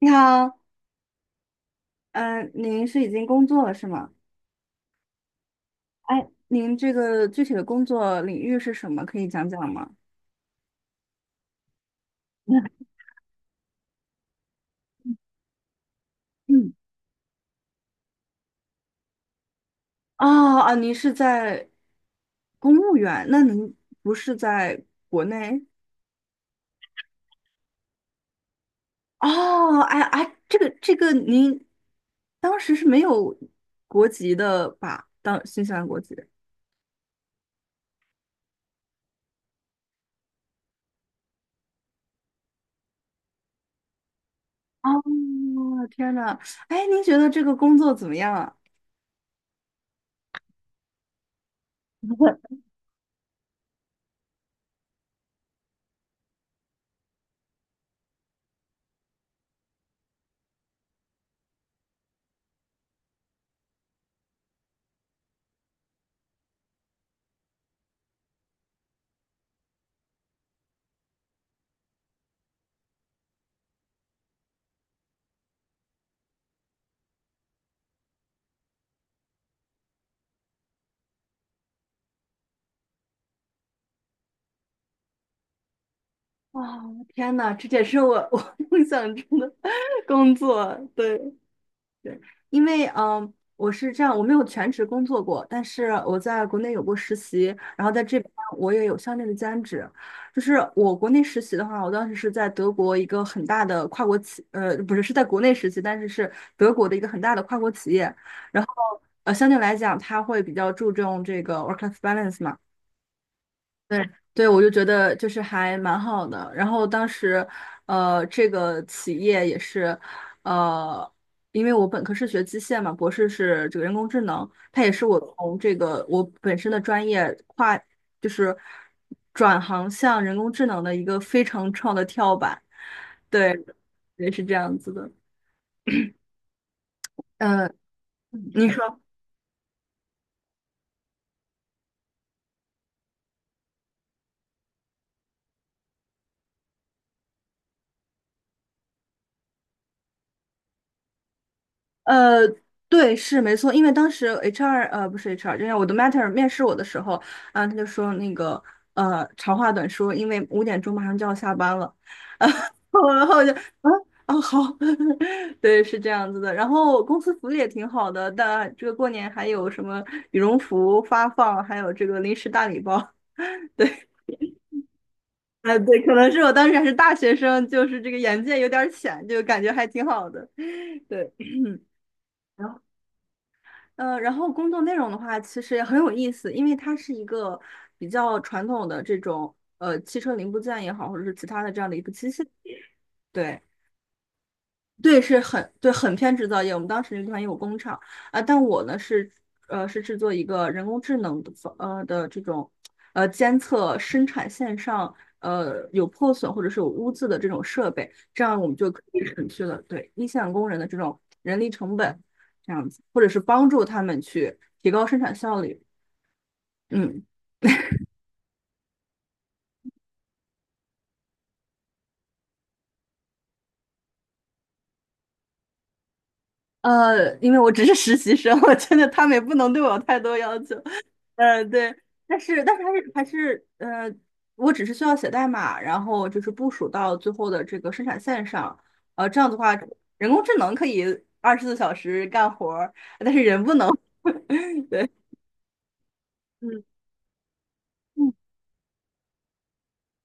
你好，嗯、您是已经工作了是吗？哎，您这个具体的工作领域是什么？可以讲讲吗？嗯，哦啊，您是在公务员，那您不是在国内？哦，哎哎，这个，您当时是没有国籍的吧？当新西兰国籍。哦，天呐，哎，您觉得这个工作怎么样啊？哇，天呐，这也是我 梦想中的 工作。对对，因为嗯，我是这样，我没有全职工作过，但是我在国内有过实习，然后在这边我也有相应的兼职。就是我国内实习的话，我当时是在德国一个很大的跨国企，呃，不是，是在国内实习，但是是德国的一个很大的跨国企业。然后相对来讲，它会比较注重这个 work-life balance 嘛。对对，我就觉得就是还蛮好的。然后当时，呃，这个企业也是，呃，因为我本科是学机械嘛，博士是这个人工智能，它也是我从这个我本身的专业跨，就是转行向人工智能的一个非常创的跳板。对，也是这样子的。呃，你说。呃，对，是没错，因为当时 HR 不是 HR，就是我的 matter 面试我的时候，啊，他就说那个长话短说，因为五点钟马上就要下班了，啊，然后我就好，对，是这样子的。然后公司福利也挺好的，但这个过年还有什么羽绒服发放，还有这个零食大礼包。对，啊对，可能是我当时还是大学生，就是这个眼界有点儿浅，就感觉还挺好的。对。呃，然后工作内容的话，其实也很有意思，因为它是一个比较传统的这种汽车零部件也好，或者是其他的这样的一个机械，对，对，是很对，很偏制造业。我们当时那个地方也有工厂啊，但我呢是是制作一个人工智能的的这种监测生产线上有破损或者是有污渍的这种设备，这样我们就可以省去了对一线工人的这种人力成本，这样子，或者是帮助他们去提高生产效率。嗯。呃，因为我只是实习生，我觉得他们也不能对我有太多要求。呃，对，但是还是呃，我只是需要写代码，然后就是部署到最后的这个生产线上。呃，这样的话，人工智能可以二十四小时干活儿，但是人不能。对，嗯嗯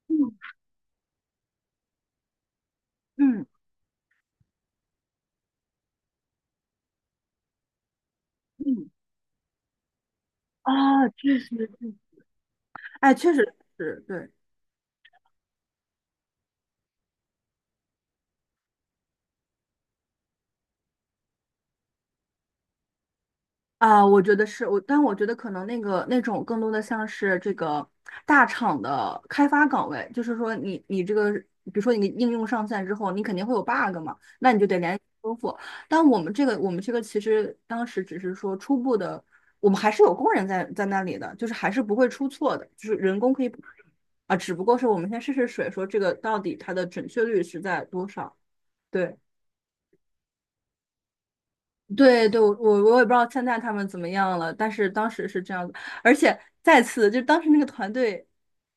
嗯嗯嗯，啊，确实是，哎，确实是，对。啊，我觉得是我，但我觉得可能那种更多的像是这个大厂的开发岗位，就是说你这个，比如说你应用上线之后，你肯定会有 bug 嘛，那你就得连修复。但我们这个其实当时只是说初步的，我们还是有工人在那里的，就是还是不会出错的，就是人工可以啊，只不过是我们先试试水，说这个到底它的准确率是在多少。对。对对，我也不知道现在他们怎么样了，但是当时是这样子，而且再次就当时那个团队，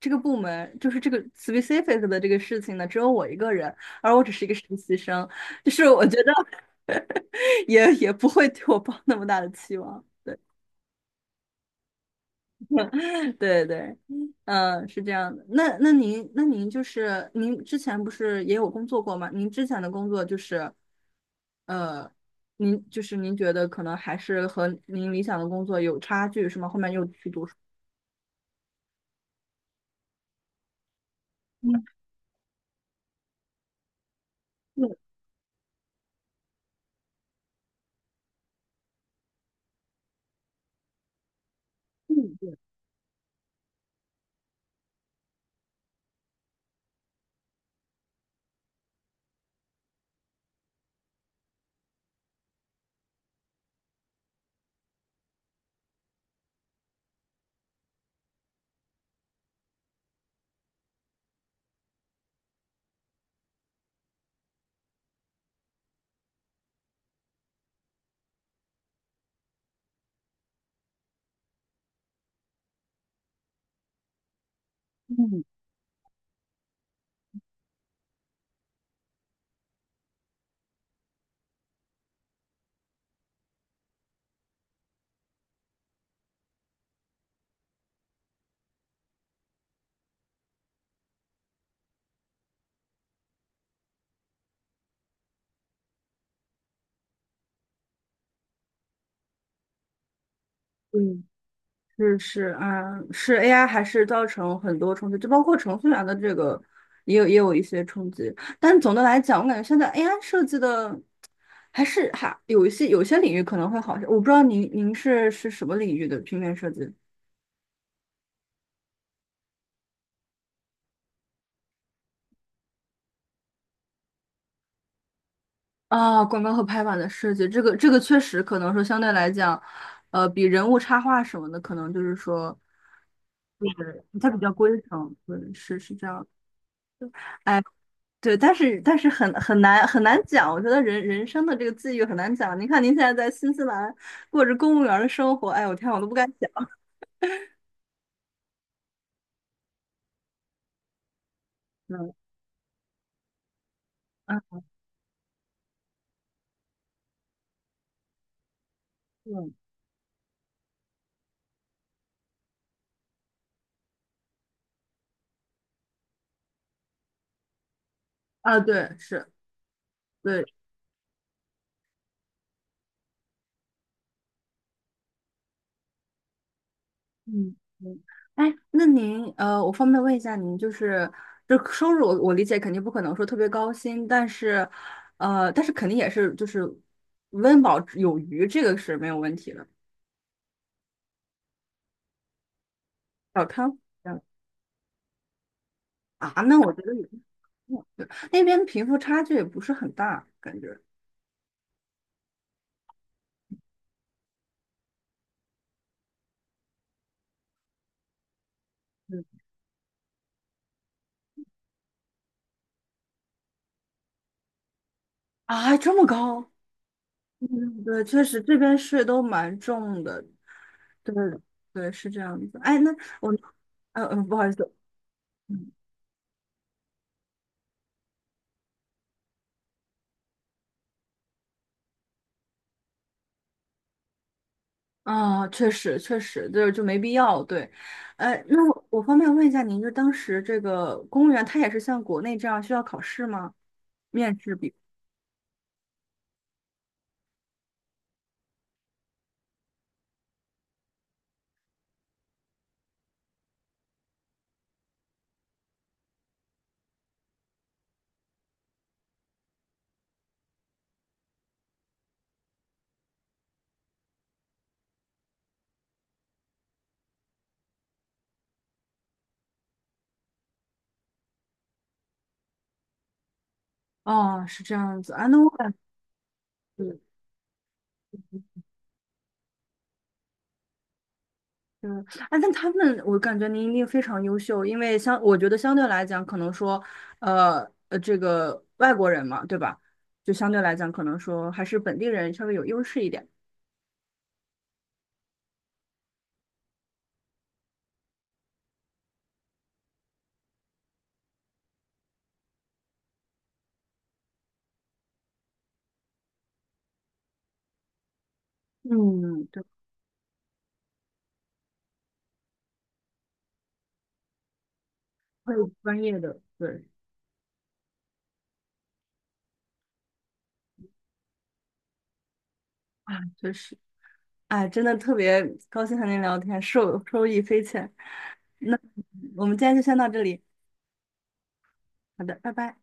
这个部门就是这个 specific 的这个事情呢，只有我一个人，而我只是一个实习生，就是我觉得 也不会对我抱那么大的期望。对对对，嗯，是这样的。那您就是您之前不是也有工作过吗？您之前的工作就是，呃，您就是您觉得可能还是和您理想的工作有差距是吗？后面又去读书。嗯，对嗯。是是，嗯，是 AI 还是造成很多冲击，就包括程序员的这个，也有一些冲击。但总的来讲，我感觉现在 AI 设计的还是还有一些有些领域可能会好一些。我不知道您是是什么领域的平面设计啊？广告和排版的设计，这个确实可能说相对来讲，呃，比人物插画什么的，可能就是说，就是它比较规整，对，是是这样。对，但是很难很难讲，我觉得人生的这个际遇很难讲。您看您现在在新西兰过着公务员的生活，哎我天，我都不敢想。嗯啊，嗯啊，对，是，对，嗯嗯。哎，那您我方便问一下您，就是这收入我，我理解肯定不可能说特别高薪，但是呃，但是肯定也是就是温饱有余，这个是没有问题的。小康这样啊，那我觉得也对，那边贫富差距也不是很大，感觉。嗯啊，这么高？嗯，对，确实这边税都蛮重的。对，对，是这样子。哎，那我，不好意思，啊，确实，确实，就就没必要。对，哎，那我方便问一下您，就当时这个公务员，他也是像国内这样需要考试吗？面试比？哦，是这样子啊。那我嗯，哎，但他们，我感觉您一定非常优秀，因为相，我觉得相对来讲，可能说，呃，这个外国人嘛，对吧？就相对来讲，可能说还是本地人稍微有优势一点。嗯，对，会有专业的，对，啊，确实，哎，真的特别高兴和您聊天，受益匪浅。那我们今天就先到这里，好的，拜拜。